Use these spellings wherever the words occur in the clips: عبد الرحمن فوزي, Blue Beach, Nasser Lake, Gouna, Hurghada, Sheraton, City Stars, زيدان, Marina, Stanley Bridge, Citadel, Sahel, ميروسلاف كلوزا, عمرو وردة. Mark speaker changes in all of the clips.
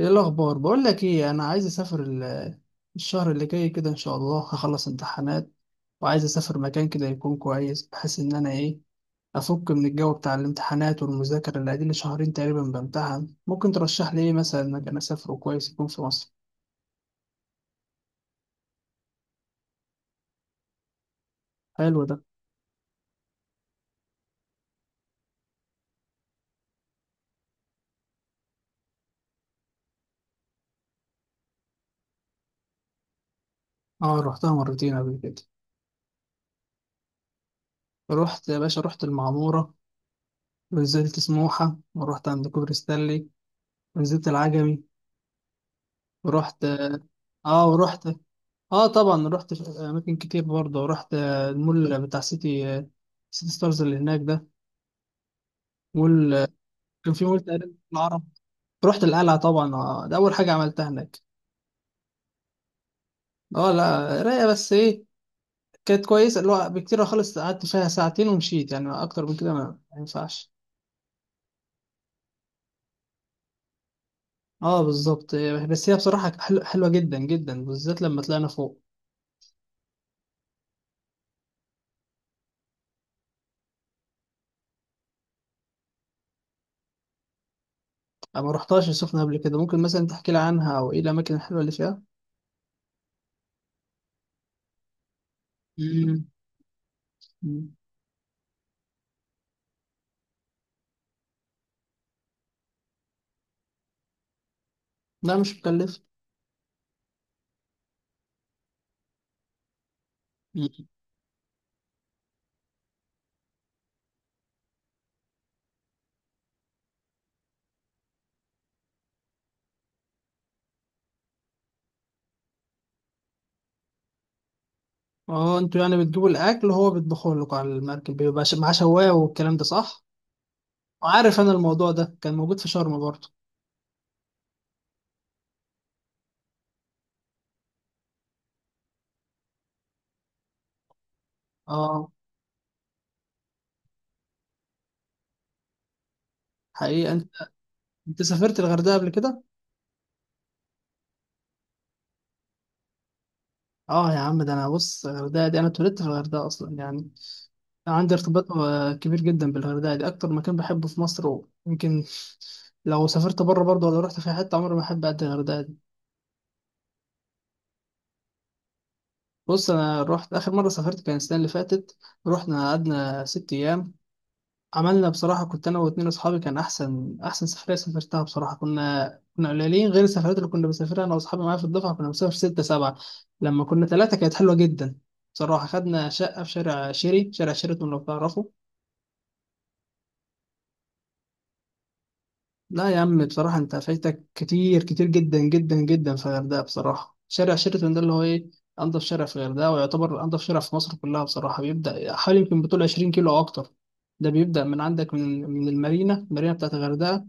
Speaker 1: ايه الاخبار؟ بقول لك ايه، انا عايز اسافر الشهر اللي جاي كده، ان شاء الله هخلص امتحانات وعايز اسافر مكان كده يكون كويس، بحيث ان انا ايه افك من الجو بتاع الامتحانات والمذاكره اللي قاعدين لي شهرين تقريبا بامتحن. ممكن ترشح لي ايه مثلا مكان اسافره كويس يكون في مصر؟ حلو ده. اه رحتها مرتين قبل كده. رحت يا باشا، رحت المعموره ونزلت سموحه ورحت عند كوبري ستانلي ونزلت العجمي ورحت، اه ورحت. اه طبعا رحت في اماكن كتير برضه، رحت المول بتاع سيتي، سيتي ستارز اللي هناك ده. مول، كان في مول تقريبا العرب. رحت القلعه طبعا، ده اول حاجه عملتها هناك. اه لا رايقه، بس ايه، كانت كويسه اللي هو بكتير خالص. قعدت فيها ساعتين ومشيت، يعني اكتر من كده ما ينفعش. اه بالظبط، بس هي بصراحه حلوه جدا جدا، بالذات لما طلعنا فوق. أنا ما رحتهاش السخنه قبل كده، ممكن مثلا تحكي لي عنها او ايه الاماكن الحلوه اللي فيها؟ مم. مم. لا مش مكلف. اه انتوا يعني بتجيبوا الاكل وهو بيطبخه لكم على المركب، بيبقى معاه شوايه والكلام ده، صح؟ وعارف انا الموضوع ده كان موجود في شرم برضه. اه حقيقة انت، انت سافرت الغردقة قبل كده؟ اه يا عم، ده انا بص، الغردقة دي انا اتولدت في الغردقة اصلا يعني. عندي ارتباط كبير جدا بالغردقة دي، اكتر مكان بحبه في مصر. ويمكن لو سافرت بره برضه ولا رحت في حتة، عمري ما احب قد الغردقة دي. بص، انا رحت اخر مرة سافرت كان السنة اللي فاتت. رحنا قعدنا ست ايام، عملنا بصراحة، كنت أنا واتنين أصحابي، كان أحسن أحسن سفرية سافرتها بصراحة. كنا قليلين، غير السفرات اللي كنا بنسافرها أنا وأصحابي معايا في الدفعة، كنا بنسافر ستة سبعة. لما كنا ثلاثة كانت حلوة جدا بصراحة. خدنا شقة في شارع شيري، شارع شيراتون، لو تعرفه. لا يا عم، بصراحة أنت فايتك كتير، كتير جدا جدا جدا في الغردقة. بصراحة شارع شيراتون ده اللي هو إيه، أنضف شارع في الغردقة، ويعتبر أنضف شارع في مصر كلها بصراحة. بيبدأ حوالي يمكن بطول 20 كيلو أو أكتر. ده بيبدأ من عندك من المارينا، المارينا بتاعت الغردقة،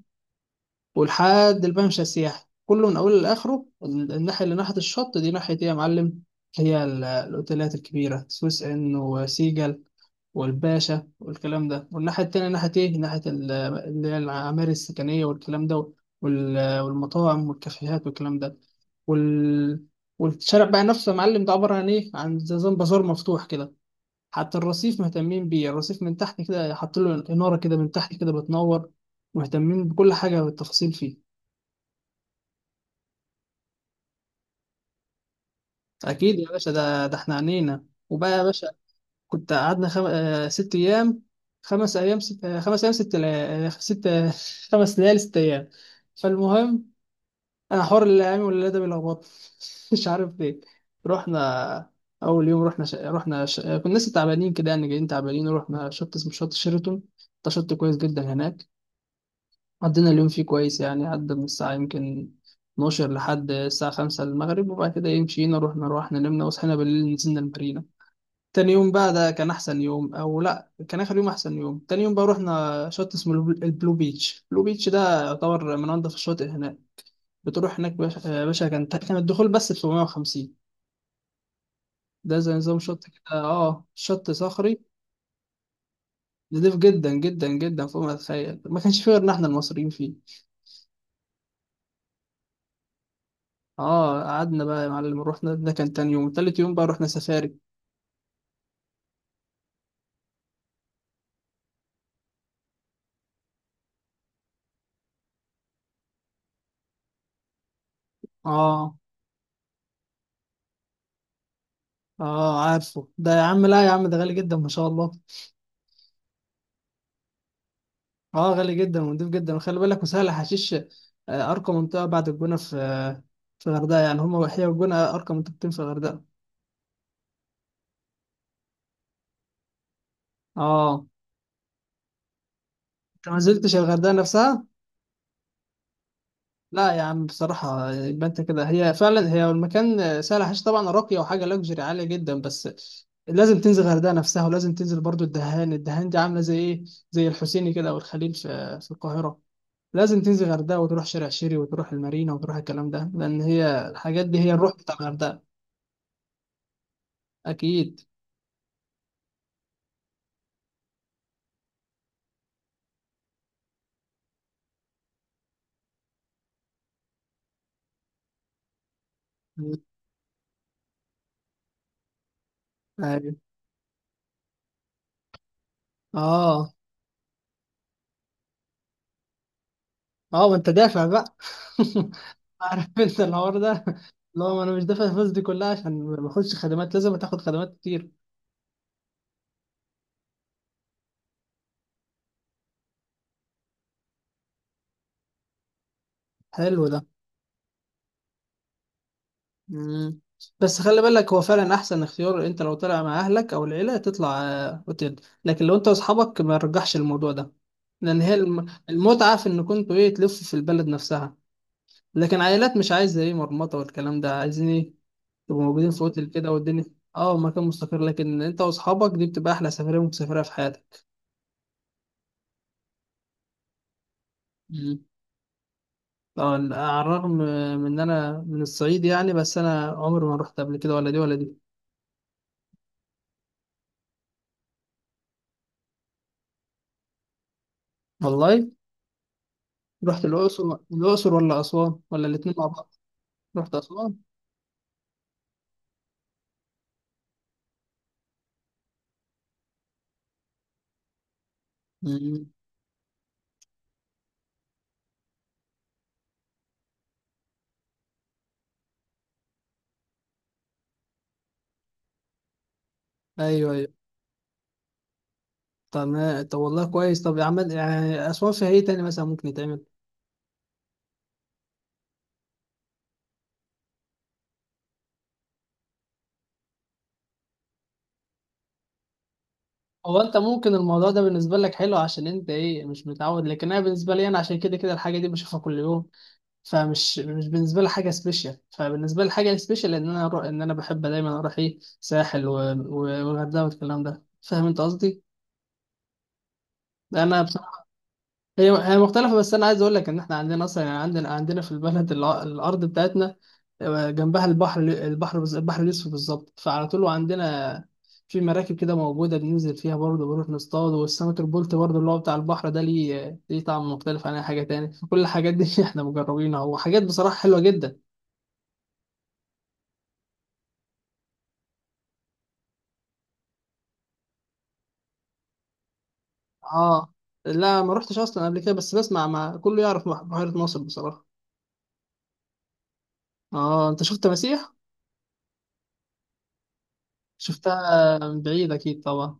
Speaker 1: ولحد الممشى السياحي كله، من اوله لاخره. الناحيه اللي ناحيه الشط دي ناحيه ايه يا معلم، هي الاوتيلات الكبيره، سويس ان وسيجل والباشا والكلام ده. والناحيه التانيه ناحيه ايه، ناحيه اللي هي العماير السكنيه والكلام ده، والمطاعم والكافيهات والكلام ده، وال... والشارع بقى نفسه يا معلم ده عباره عن ايه، عن زي نظام بازار مفتوح كده. حتى الرصيف مهتمين بيه، الرصيف من تحت كده حاطين له اناره كده من تحت كده بتنور. مهتمين بكل حاجه بالتفاصيل فيه. اكيد يا باشا، ده احنا عنينا وبقى يا باشا. كنت قعدنا خم... آه، ست ايام، خمس ايام ست... آه، خمس ايام ست لا... آه، ست، خمس ليالي ست ايام. فالمهم، انا حوار الايام والليله ده بيلخبط، مش عارف ليه. رحنا اول يوم، رحنا ش... رحنا ش... آه، كنا لسه تعبانين كده يعني، جايين تعبانين، ورحنا شط اسمه شط شيراتون. ده شط كويس جدا هناك. عدينا اليوم فيه كويس، يعني عدى من الساعه يمكن 12 لحد الساعة 5 المغرب، وبعد كده إيه، مشينا رحنا روحنا نمنا، وصحينا بالليل نزلنا المارينا. تاني يوم بقى، ده كان احسن يوم، او لا كان اخر يوم احسن يوم، تاني يوم بقى رحنا شط اسمه البلو بيتش. البلو بيتش ده يعتبر من انضف الشواطئ هناك. بتروح هناك باشا يا باشا، كان الدخول بس ب 750. ده زي نظام شط كده، اه شط صخري، نضيف جدا جدا جدا فوق ما تتخيل. ما كانش فيه غيرنا احنا المصريين فيه. اه قعدنا بقى يا معلم، رحنا ده كان تاني يوم، تالت يوم بقى رحنا سفاري. اه، اه عارفه ده يا عم، لا يا عم ده غالي جدا ما شاء الله. اه غالي جدا ونضيف جدا، وخلي بالك وسهل حشيش، ارقى منطقه بعد الجونه في، في الغردقه يعني، هما وحياه والجونه ارقى منطقتين في الغردقه. اه انت ما نزلتش الغردقه نفسها. لا يا عم بصراحه، يبقى انت كده، هي فعلا هي المكان، سهل حشيش طبعا راقيه وحاجه لوكسجري عاليه جدا، بس لازم تنزل الغردقه نفسها، ولازم تنزل برضو الدهان. الدهان دي عامله زي ايه، زي الحسيني كده او الخليل في القاهره. لازم تنزل الغردقه وتروح شارع شيري وتروح المارينا وتروح الكلام ده، لان هي الحاجات دي هي الروح بتاع الغردقه. اكيد. ايوه. اه. اه ما انت دافع بقى. عارف انت الحوار ده اللي هو انا مش دافع الفلوس دي كلها عشان ما اخدش خدمات، لازم تاخد خدمات كتير. حلو ده. مم. بس خلي بالك، هو فعلا احسن اختيار، انت لو طلع مع اهلك او العيله تطلع اوتيل، لكن لو انت واصحابك ما رجحش الموضوع ده، لان هي المتعه في ان كنتوا ايه تلفوا في البلد نفسها. لكن عائلات مش عايزه ايه مرمطه والكلام ده، عايزين ايه تبقوا موجودين في اوتيل كده والدنيا. اه مكان مستقر، لكن انت واصحابك دي بتبقى احلى سفريه ممكن تسافرها في حياتك. مم. طبعا على الرغم من ان انا من الصعيد يعني، بس انا عمري ما رحت قبل كده ولا دي ولا دي. والله. رحت الاقصر؟ الاقصر ولا اسوان ولا الاتنين مع بعض؟ رحت اسوان. مم. ايوه ايوه. تمام طب والله كويس، طب يا عم يعني اسوان فيها ايه تاني مثلا ممكن يتعمل؟ هو انت ممكن الموضوع ده بالنسبه لك حلو عشان انت ايه مش متعود، لكن انا بالنسبه لي انا، عشان كده كده الحاجه دي بشوفها كل يوم. فمش مش بالنسبه لي حاجه سبيشال، فبالنسبه لي حاجه سبيشال ان انا اروح، ان انا بحب دايما اروح ايه ساحل والغردقه والكلام ده، فاهم انت قصدي. انا بصراحه، هي مختلفه، بس انا عايز اقول لك ان احنا عندنا اصلا يعني، عندنا في البلد، الارض بتاعتنا جنبها البحر. البحر البحر الاسود بالظبط، فعلى طول عندنا في مراكب كده موجوده بننزل فيها برضه، بنروح نصطاد، والسمك البلطي برضه اللي هو بتاع البحر ده ليه، ليه طعم مختلف عن اي حاجه تاني، فكل الحاجات دي احنا مجربينها، وحاجات بصراحه حلوه جدا. اه لا ما رحتش اصلا قبل كده، بس بسمع مع كله يعرف بحيرة ناصر بصراحة. اه انت شفت مسيح. شفتها من بعيد اكيد طبعا.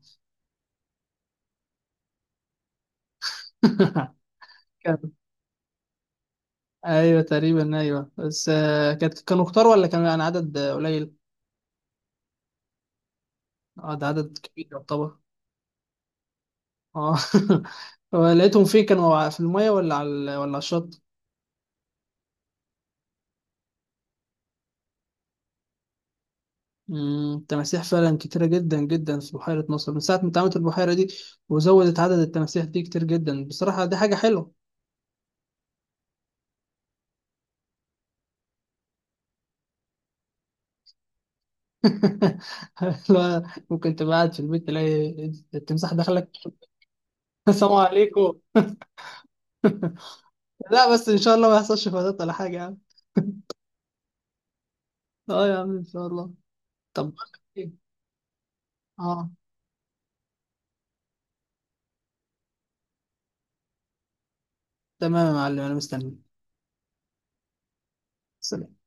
Speaker 1: كان، ايوه تقريبا ايوه، بس كانوا كتار ولا كان يعني عدد قليل؟ اه ده عدد كبير يعتبر. اه. لقيتهم فين، كانوا في المية ولا على ولا على الشط؟ التماسيح فعلا كتيرة جدا جدا في بحيرة مصر، من ساعة ما اتعملت البحيرة دي وزودت عدد التماسيح دي كتير جدا، بصراحة دي حاجة حلوة. لا، ممكن تبقى قاعد في البيت تلاقي التمساح دخلك. السلام عليكم. لا بس ان شاء الله ما يحصلش فضات ولا حاجه يعني. اه يا عم ان شاء الله. طب بقول لك إيه؟ اه تمام يا معلم انا مستني. سلام.